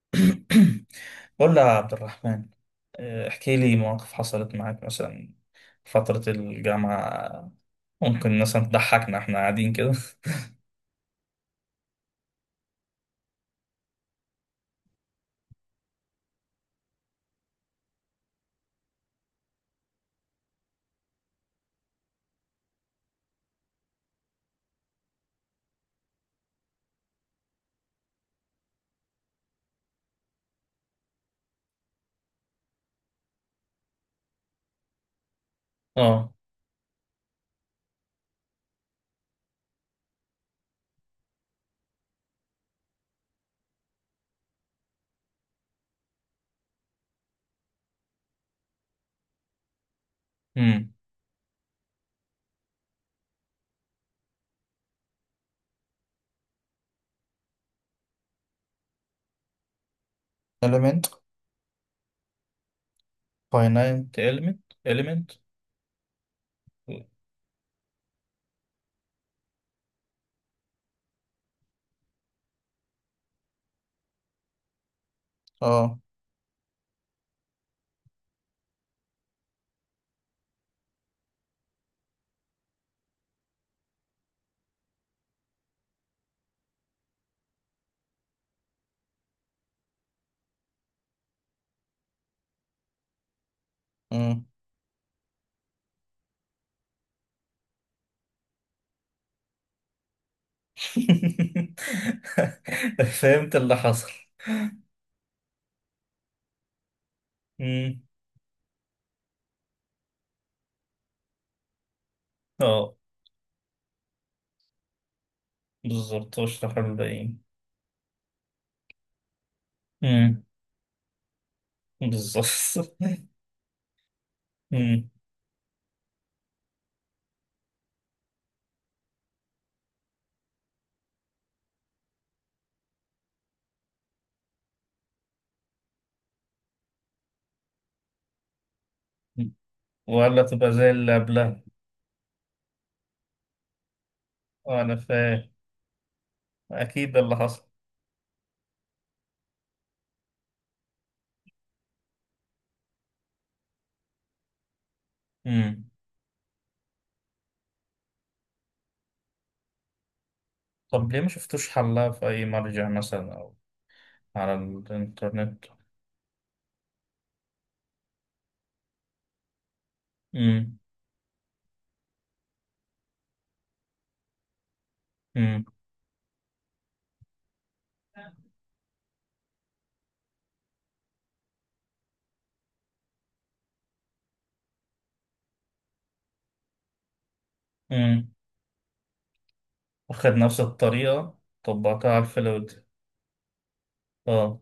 قول لي يا عبد الرحمن. احكي لي مواقف حصلت معاك مثلا فترة الجامعة. ممكن مثلا تضحكنا احنا قاعدين كده؟ اه. امم. element. finite element. element. اه. مم. فهمت اللي حصل. امم. اه، بالظبط واشرح الباقيين. امم. بالظبط. امم ولا تبقى زي اللي قبلها. انا فاهم، اكيد ده اللي حصل. مم. طب ليه ما شفتوش حلها في أي مرجع مثلا أو على الإنترنت؟ مم. مم. مم. واخد نفس الطريقة، طبقتها على الفلود. اه.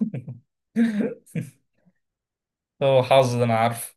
هو حظ ده، أنا عارف.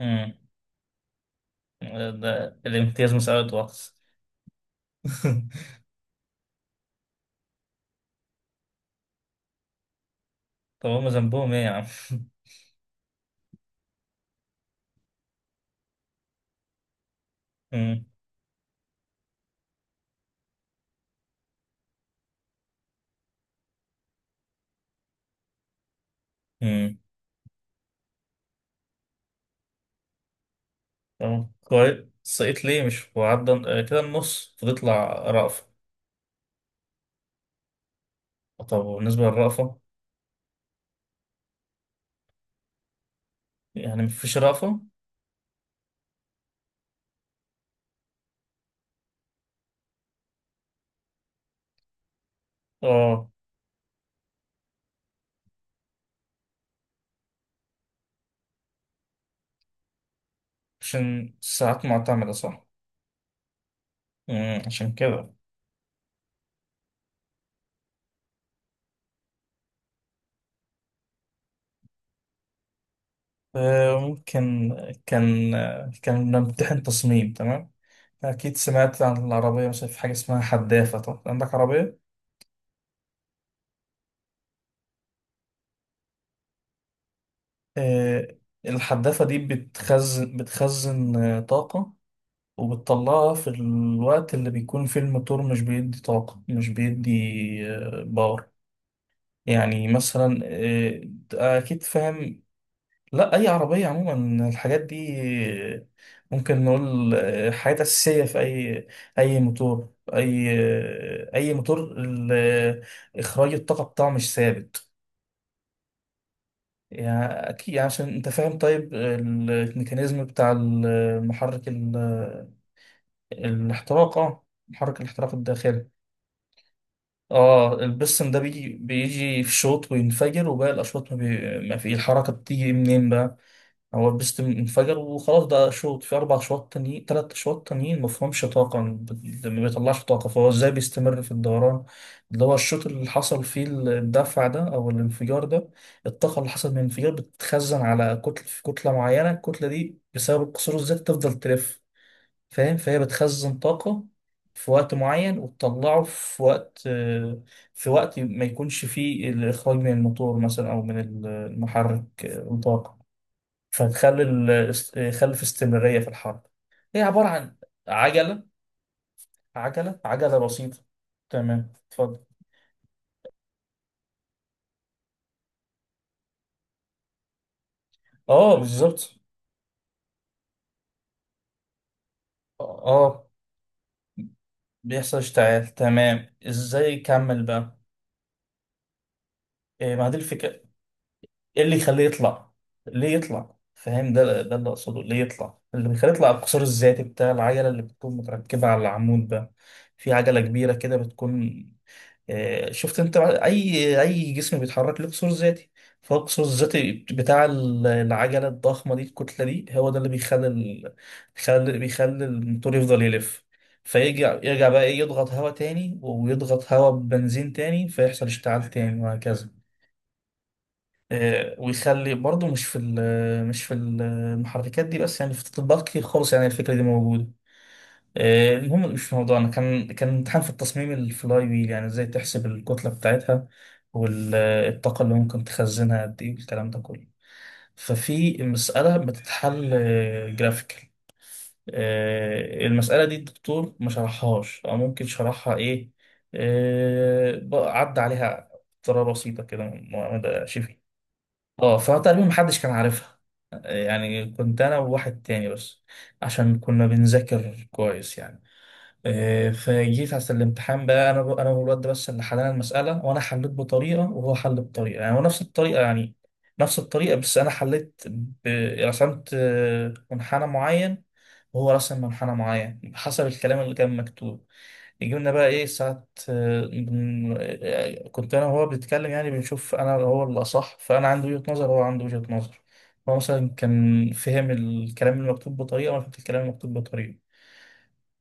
مم. ده الامتياز مسألة وقت. طب هما ذنبهم إيه يا عم؟ مم. مم. طب كويس، سقيت ليه مش وعدى كده النص فتطلع رأفة. طب وبالنسبة للرأفة؟ يعني مفيش رأفة؟ اه، عشان ساعات معتمدة صح؟ مم، عشان كده. ممكن. كان بنمتحن تصميم. تمام، أكيد سمعت عن العربية، مثلا في حاجة اسمها حدافة. طب عندك عربية. آه، الحدافة دي بتخزن طاقة، وبتطلعها في الوقت اللي بيكون فيه الموتور مش بيدي طاقة، مش بيدي باور. يعني مثلا، أكيد فاهم. لا، اي عربيه عموما الحاجات دي. ممكن نقول حاجات اساسيه في اي اي موتور، اي موتور اخراج الطاقه بتاعه مش ثابت. يعني اكيد يعني عشان انت فاهم. طيب الميكانيزم بتاع المحرك الاحتراق. اه، محرك الاحتراق الداخلي. اه البستم ده بيجي في شوط وينفجر، وباقي الاشواط ما, بي... ما في الحركه بتيجي منين بقى؟ هو بيست انفجر وخلاص، ده شوط. في أربع شواط تانيين تلات شواط تانيين مفهومش طاقة، ما بيطلعش طاقة. فهو إزاي بيستمر في الدوران؟ اللي هو الشوط اللي حصل فيه الدفع ده أو الانفجار ده، الطاقة اللي حصل من الانفجار بتتخزن على كتلة، في كتلة معينة. الكتلة دي بسبب القصور الذاتي تفضل تلف، فاهم؟ فهي بتخزن طاقة في وقت معين وتطلعه في وقت ما يكونش فيه الإخراج من الموتور مثلا أو من المحرك طاقة. فنخلي ال... خلي في استمرارية في الحرب. هي عبارة عن عجلة، عجلة بسيطة. تمام، اتفضل. اه، بالظبط. اه، بيحصل اشتعال. تمام، ازاي يكمل بقى؟ إيه، ما دي الفكرة. ايه اللي يخليه يطلع؟ ليه يطلع؟ فاهم؟ ده اللي اقصده، ليه يطلع؟ اللي بيخليه يطلع القصار الذاتي بتاع العجلة اللي بتكون متركبة على العمود ده. في عجلة كبيرة كده بتكون، شفت؟ انت اي اي جسم بيتحرك له قصور ذاتي. فهو القصور الذاتي بتاع العجله الضخمه دي، الكتله دي، هو ده اللي بيخلي ال... بيخلي الموتور يفضل يلف. فيرجع يرجع بقى ايه، يضغط هواء تاني ويضغط هواء ببنزين تاني، فيحصل اشتعال تاني وهكذا. ويخلي برضه، مش في مش في المحركات دي بس، يعني في التطبيقات كتير خالص يعني الفكره دي موجوده. المهم مش في موضوعنا. كان امتحان في التصميم، الفلاي ويل، يعني ازاي تحسب الكتلة بتاعتها والطاقة اللي ممكن تخزنها قد ايه والكلام ده كله. ففي مسألة بتتحل جرافيكال. المسألة دي الدكتور ما شرحهاش أو ممكن شرحها إيه، بقى عدى عليها بطريقة بسيطة كده معتمدة شبه. اه، فتقريبا محدش كان عارفها. يعني كنت أنا وواحد تاني بس عشان كنا بنذاكر كويس يعني. فجيت عشان الامتحان بقى، انا والواد ده بس اللي حلنا المساله. وانا حليت بطريقه وهو حل بطريقه، يعني هو نفس الطريقه يعني. نفس الطريقه، بس انا حليت ب... رسمت منحنى معين، وهو رسم منحنى معين حسب الكلام اللي كان مكتوب. جبنا بقى ايه ساعة، كنت انا وهو بنتكلم يعني، بنشوف انا هو اللي اصح. فانا عندي وجهة نظر وهو عنده وجهة نظر. هو مثلا كان فهم الكلام المكتوب بطريقة وانا فهمت الكلام المكتوب بطريقة.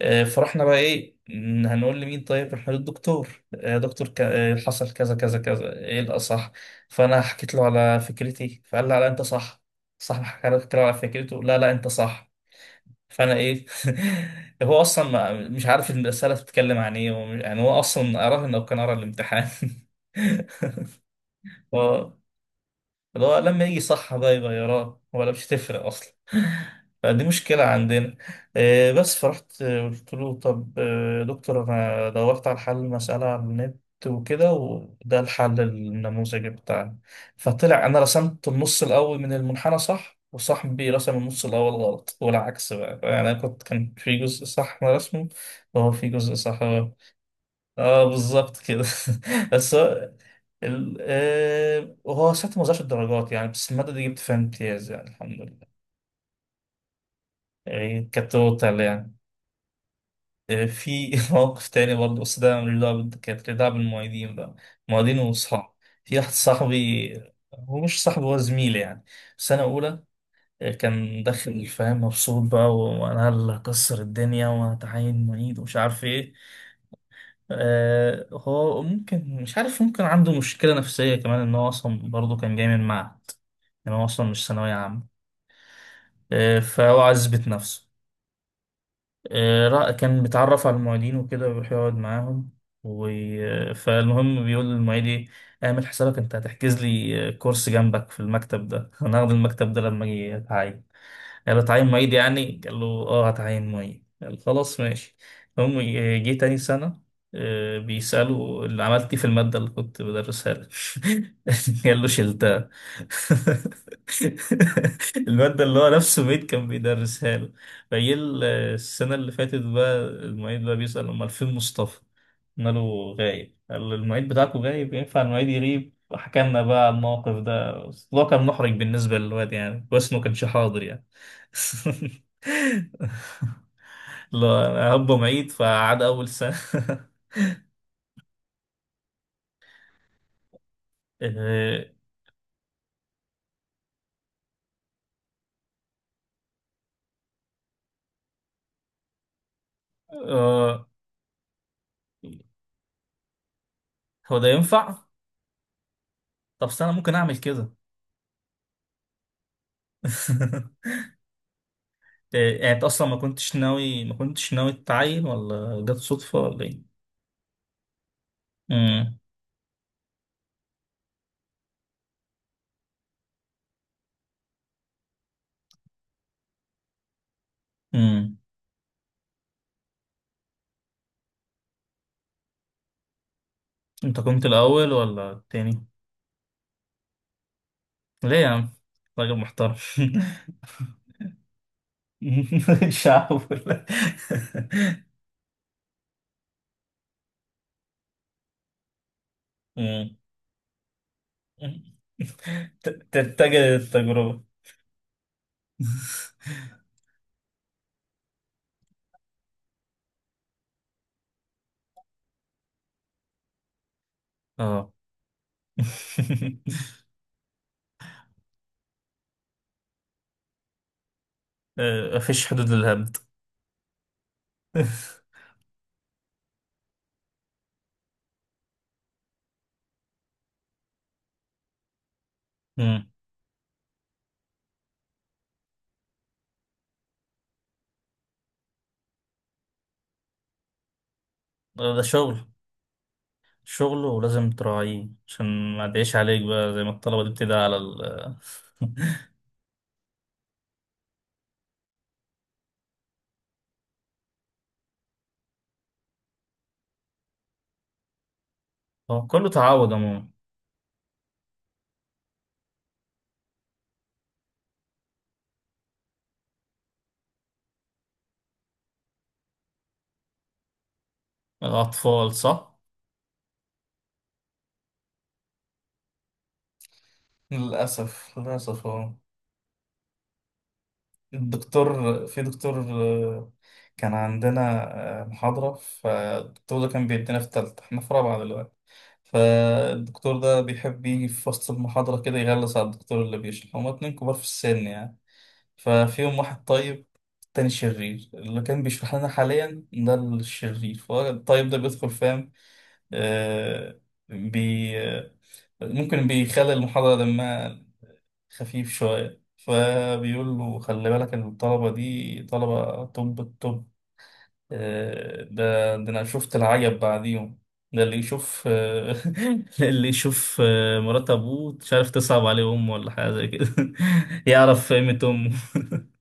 فرحنا بقى ايه، هنقول لمين؟ طيب رحنا للدكتور. يا دكتور، حصل كذا كذا كذا، ايه الاصح؟ فانا حكيت له على فكرتي، فقال لا لا، انت صح. صح، حكى له حكيت له على فكرته، لا لا انت صح. فانا ايه؟ هو اصلا مش عارف الرساله بتتكلم عن ايه، يعني هو اصلا قراها؟ لو كان قرا الامتحان هو اللي هو لما يجي صح بقى يغيرها، ولا مش تفرق اصلا. فدي مشكلة عندنا. بس فرحت. قلت له طب، دكتور، أنا دورت على حل المسألة على النت وكده، وده الحل النموذجي بتاعنا. فطلع أنا رسمت النص الأول من المنحنى صح، وصاحبي رسم النص الأول غلط، والعكس بقى. يعني أنا كنت كان في جزء صح أنا رسمه، وهو في جزء صح هو. اه، بالظبط كده. بس هو وهو ساعتها ما زادش الدرجات يعني، بس المادة دي جبت فيها امتياز يعني، الحمد لله. يعني كانت توتال يعني. في موقف تاني برضه، بس ده ملوش دعوة كانت ليها دعوة بالمعيدين بقى. معيدين وصحاب. في واحد صاحبي، هو مش صاحبي، هو زميلي يعني، في سنة أولى. كان داخل فاهم مبسوط بقى، وأنا اللي هكسر الدنيا وهتعين معيد ومش عارف إيه. هو ممكن مش عارف، ممكن عنده مشكلة نفسية كمان إن هو أصلا برضه كان جاي من معهد، يعني هو أصلا مش ثانوية عامة. فهو عايز يثبت نفسه. كان متعرف على المعيدين وكده، ويروح يقعد معاهم و... فالمهم بيقول للمعيد ايه: اعمل حسابك، انت هتحجز لي كورس جنبك في المكتب ده انا هاخد المكتب ده لما اجي اتعين. قال له تعين معيد يعني؟ قال له اه، هتعين معيد. قال خلاص ماشي. جه تاني سنة، بيسألوا اللي عملت إيه في المادة اللي كنت بدرسها لك. قال له شلتها. المادة اللي هو نفسه ميت كان بيدرسها له. فجه السنة اللي فاتت بقى المعيد بقى بيسأل أمال فين مصطفى؟ قلنا له غايب. قال له المعيد بتاعكم غايب؟ ينفع المعيد يغيب؟ حكى لنا بقى على الموقف ده، بس هو كان محرج بالنسبة للواد، يعني كويس إنه ما كانش حاضر يعني. لا انا ابا معيد، فقعد اول سنه. إيه، آه، هو ده ينفع. طب استنى، ممكن اعمل كده. إيه، يعني انت اصلا ما كنتش ناوي تتعين ولا جت صدفه ولا ايه؟ امم. امم. انت كنت الاول ولا التاني؟ ليه يا عم، راجل محترم. مش هحاول. أمم. تتجه التجربه. اه. مفيش حدود للهبد. مم. ده شغل، شغله ولازم تراعيه عشان ما تعيش عليك بقى زي ما الطلبة دي بتدعي على ال. هو كله تعود عموما. الأطفال صح؟ للأسف للأسف، اه. الدكتور، في دكتور كان عندنا محاضرة. فالدكتور ده كان بيدينا في تالتة، احنا في رابعة دلوقتي. فالدكتور ده بيحب يجي في وسط المحاضرة كده يغلس على الدكتور اللي بيشرح. هما اتنين كبار في السن يعني، ففيهم واحد طيب، التاني شرير. اللي كان بيشرح لنا حاليا ده الشرير، فهو الطيب ده بيدخل فاهم؟ آه بي آه، ممكن بيخلي المحاضرة دمها خفيف شوية. فبيقول له خلي بالك إن الطلبة دي طلبة طب، الطب. ده أنا شفت العجب بعديهم. ده اللي يشوف اللي يشوف مرات أبوه مش عارف، تصعب عليه أمه ولا حاجة زي كده. يعرف قيمة أمه.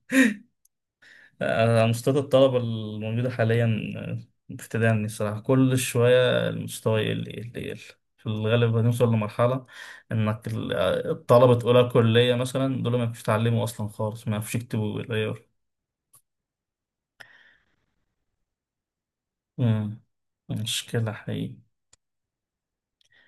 أنشطة الطلبة الموجودة حاليا بتدعمني الصراحة. كل شوية المستوى يقل يقل يقل. في الغالب هنوصل لمرحلة إنك الطلبة أولى كلية مثلا دول ما يعرفوش يتعلموا أصلا خالص، ما يعرفوش يكتبوا بالعيار. مم. مشكلة حقيقية.